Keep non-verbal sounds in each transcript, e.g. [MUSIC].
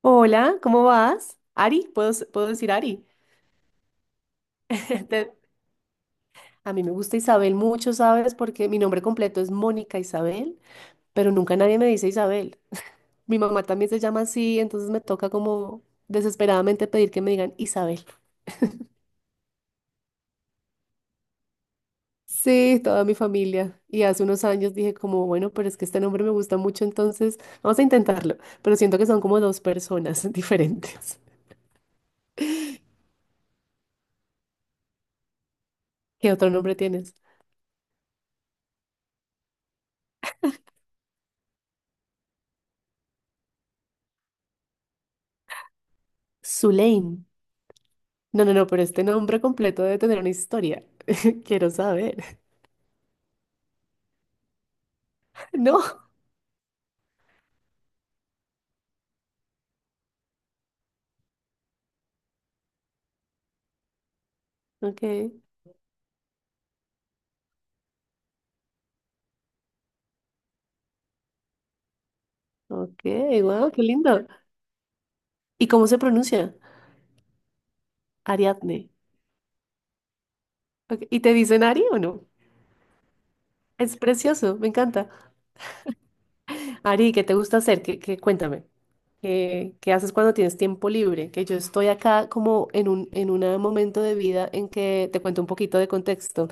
Hola, ¿cómo vas? Ari, ¿puedo decir Ari? [LAUGHS] Te- a mí me gusta Isabel mucho, ¿sabes? Porque mi nombre completo es Mónica Isabel, pero nunca nadie me dice Isabel. Mi mamá también se llama así, entonces me toca como desesperadamente pedir que me digan Isabel. Sí, toda mi familia. Y hace unos años dije como, bueno, pero es que este nombre me gusta mucho, entonces vamos a intentarlo. Pero siento que son como dos personas [LAUGHS] diferentes. ¿Qué otro nombre tienes? Zuleim. No, no, no, pero este nombre completo debe tener una historia. [LAUGHS] Quiero saber. [LAUGHS] No. Ok, ok, wow, qué lindo. ¿Y cómo se pronuncia? Ariadne. Ok, ¿y te dicen Ari o no? Es precioso, me encanta. Ari, ¿qué te gusta hacer? ¿Cuéntame? ¿Qué haces cuando tienes tiempo libre? Que yo estoy acá como en un momento de vida en que te cuento un poquito de contexto.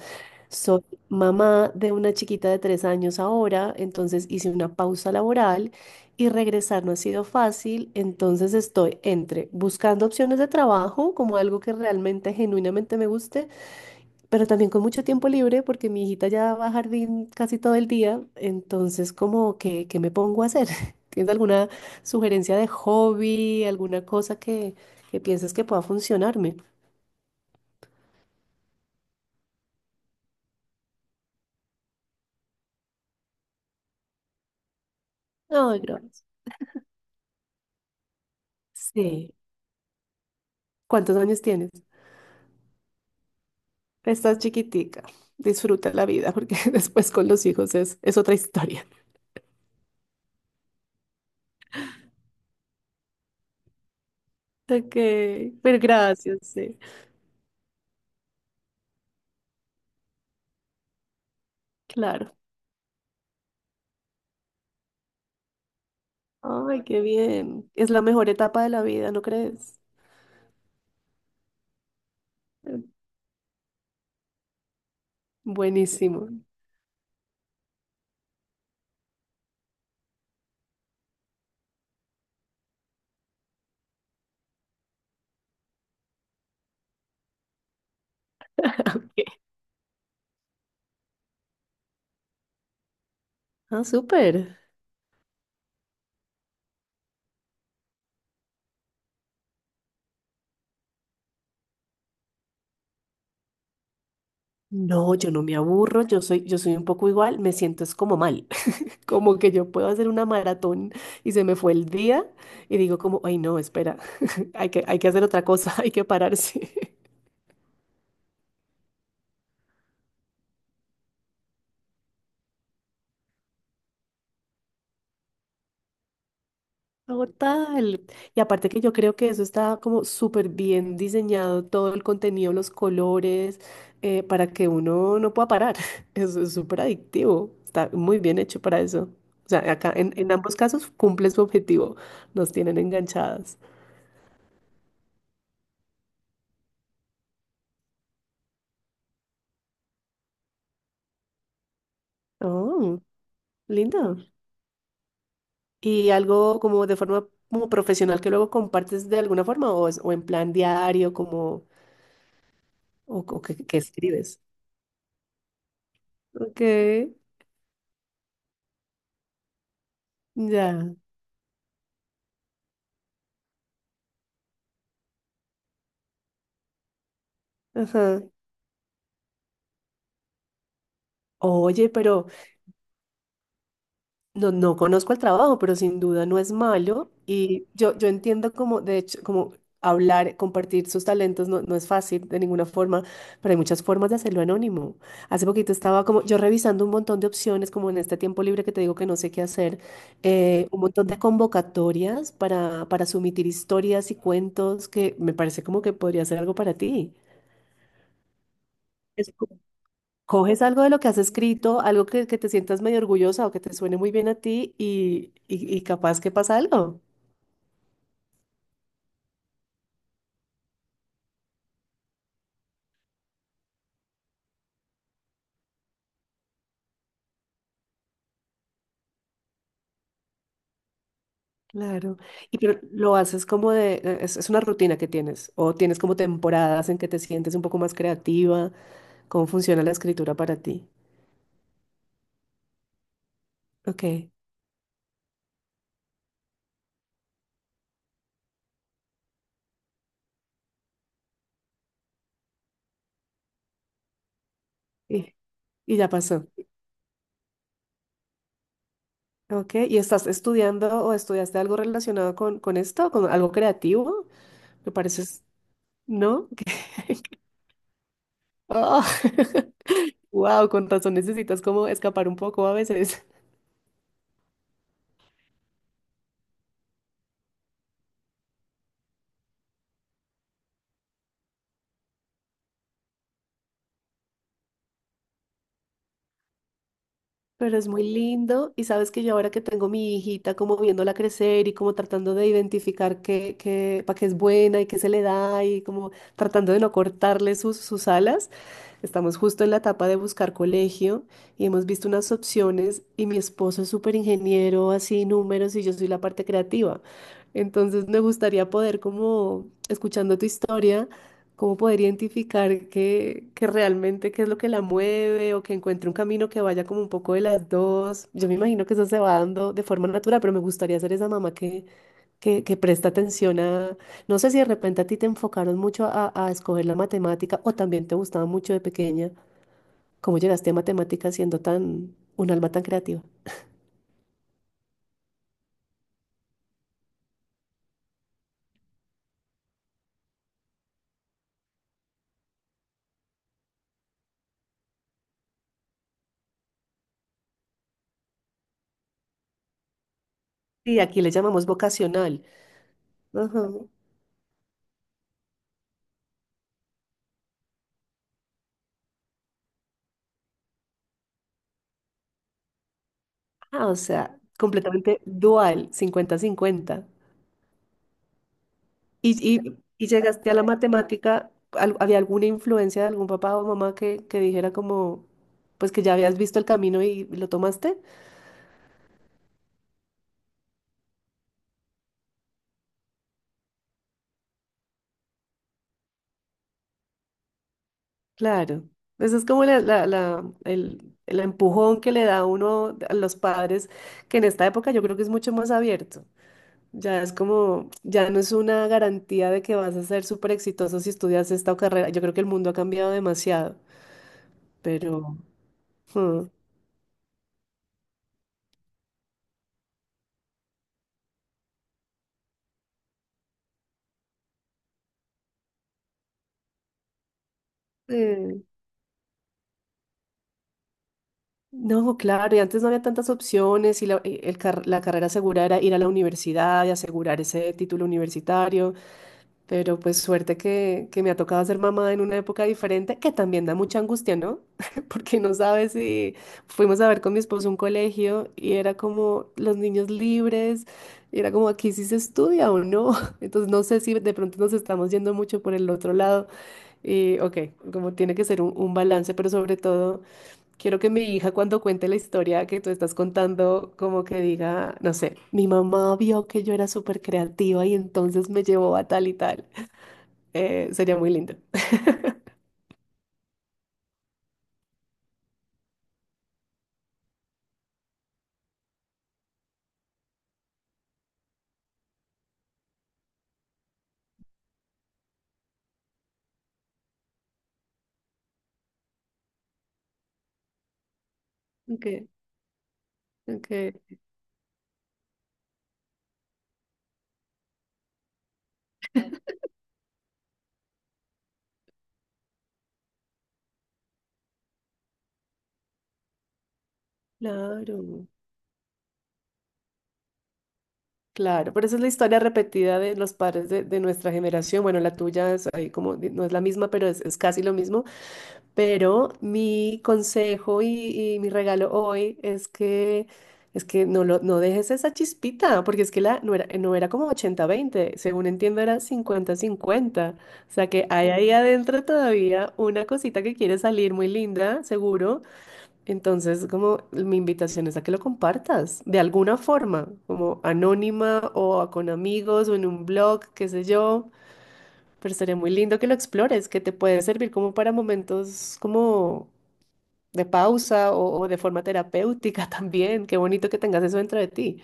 Soy mamá de una chiquita de 3 años ahora, entonces hice una pausa laboral y regresar no ha sido fácil, entonces estoy entre buscando opciones de trabajo como algo que realmente genuinamente me guste pero también con mucho tiempo libre porque mi hijita ya va a jardín casi todo el día, entonces como que, ¿qué me pongo a hacer? [LAUGHS] ¿Tienes alguna sugerencia de hobby, alguna cosa que pienses que pueda funcionarme? Ay, gracias. Sí. ¿Cuántos años tienes? Estás chiquitica. Disfruta la vida porque [LAUGHS] después con los hijos es otra historia. Ok, pero gracias, sí. Claro. Ay, qué bien. Es la mejor etapa de la vida, ¿no crees? Buenísimo. [LAUGHS] Ah, súper. No, yo no me aburro, yo soy un poco igual, me siento es como mal, [LAUGHS] como que yo puedo hacer una maratón y se me fue el día y digo como, ay no, espera, [LAUGHS] hay que hacer otra cosa, [LAUGHS] hay que pararse. [LAUGHS] Total. Y aparte que yo creo que eso está como súper bien diseñado, todo el contenido, los colores, para que uno no pueda parar. [LAUGHS] Eso es súper adictivo, está muy bien hecho para eso. O sea, acá en ambos casos cumple su objetivo, nos tienen enganchadas. Oh, lindo. ¿Y algo como de forma como profesional que luego compartes de alguna forma o, o en plan diario como o que escribes? Ok, ya. Ajá. Oye, pero no, no conozco el trabajo, pero sin duda no es malo. Y yo entiendo como, de hecho, como hablar, compartir sus talentos no, no es fácil de ninguna forma, pero hay muchas formas de hacerlo anónimo. Hace poquito estaba como yo revisando un montón de opciones, como en este tiempo libre que te digo que no sé qué hacer, un montón de convocatorias para sumitir historias y cuentos que me parece como que podría ser algo para ti. Coges algo de lo que has escrito, algo que te sientas medio orgullosa o que te suene muy bien a ti y capaz que pasa algo. Claro. Y pero lo haces como de, es una rutina que tienes o tienes como temporadas en que te sientes un poco más creativa. ¿Cómo funciona la escritura para ti? Ok. Y, y ya pasó. Ok. ¿Y estás estudiando o estudiaste algo relacionado con esto, con algo creativo? Me pareces, ¿no? [LAUGHS] Oh. [LAUGHS] Wow, con razón necesitas como escapar un poco a veces. Pero es muy lindo y sabes que yo ahora que tengo mi hijita como viéndola crecer y como tratando de identificar para qué es buena y qué se le da y como tratando de no cortarle sus alas, estamos justo en la etapa de buscar colegio y hemos visto unas opciones y mi esposo es súper ingeniero, así números y yo soy la parte creativa. Entonces me gustaría poder como escuchando tu historia cómo poder identificar que, realmente qué es lo que la mueve o que encuentre un camino que vaya como un poco de las dos. Yo me imagino que eso se va dando de forma natural, pero me gustaría ser esa mamá que, presta atención no sé si de repente a ti te enfocaron mucho a escoger la matemática o también te gustaba mucho de pequeña, cómo llegaste a matemáticas siendo un alma tan creativa. Y aquí le llamamos vocacional. Ajá. Ah, o sea, completamente dual, 50-50. Y llegaste a la matemática, ¿había alguna influencia de algún papá o mamá que dijera como, pues que ya habías visto el camino y lo tomaste? Claro. Eso es como el empujón que le da uno a los padres, que en esta época yo creo que es mucho más abierto. Ya es como, ya no es una garantía de que vas a ser súper exitoso si estudias esta carrera. Yo creo que el mundo ha cambiado demasiado, pero... ujú. No, claro, y antes no había tantas opciones y la carrera segura era ir a la universidad y asegurar ese título universitario, pero pues suerte que me ha tocado ser mamá en una época diferente, que también da mucha angustia, ¿no? [LAUGHS] Porque no sabes si fuimos a ver con mi esposo un colegio y era como los niños libres, y era como aquí sí se estudia o no, [LAUGHS] entonces no sé si de pronto nos estamos yendo mucho por el otro lado. Y ok, como tiene que ser un balance, pero sobre todo quiero que mi hija cuando cuente la historia que tú estás contando, como que diga, no sé, mi mamá vio que yo era súper creativa y entonces me llevó a tal y tal. Sería muy lindo. Ok, ok, claro, claro. Pero esa es la historia repetida de los padres de nuestra generación. Bueno, la tuya es ahí como, no es la misma, pero es casi lo mismo. Pero mi consejo y mi regalo hoy es que, no dejes esa chispita, porque es que no era como 80-20 según entiendo era 50-50. O sea que hay ahí adentro todavía una cosita que quiere salir muy linda, seguro. Entonces, como mi invitación es a que lo compartas de alguna forma, como anónima o con amigos o en un blog, qué sé yo. Pero sería muy lindo que lo explores, que te puede servir como para momentos como de pausa o de forma terapéutica [LAUGHS] también. Qué bonito que tengas eso dentro de ti.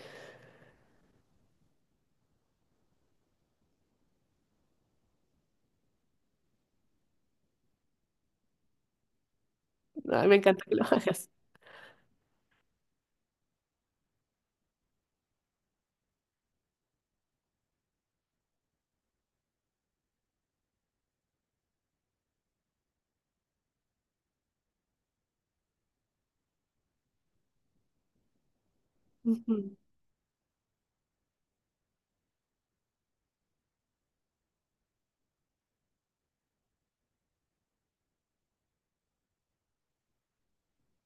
Ay, me encanta que lo hagas. Ujú.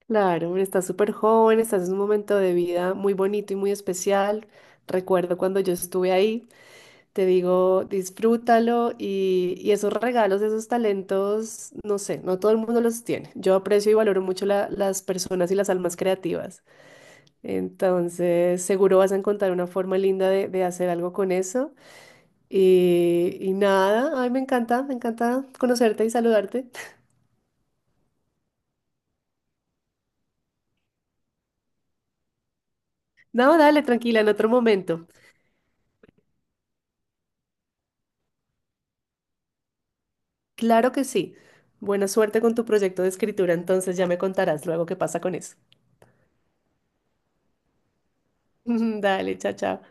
Claro, estás súper joven, estás en un momento de vida muy bonito y muy especial. Recuerdo cuando yo estuve ahí, te digo, disfrútalo y esos regalos, esos talentos, no sé, no todo el mundo los tiene. Yo aprecio y valoro mucho las personas y las almas creativas. Entonces, seguro vas a encontrar una forma linda de hacer algo con eso. Y nada, ay, me encanta conocerte y saludarte. [LAUGHS] No, dale, tranquila, en otro momento. Claro que sí. Buena suerte con tu proyecto de escritura, entonces ya me contarás luego qué pasa con eso. [LAUGHS] Dale, chao, chao.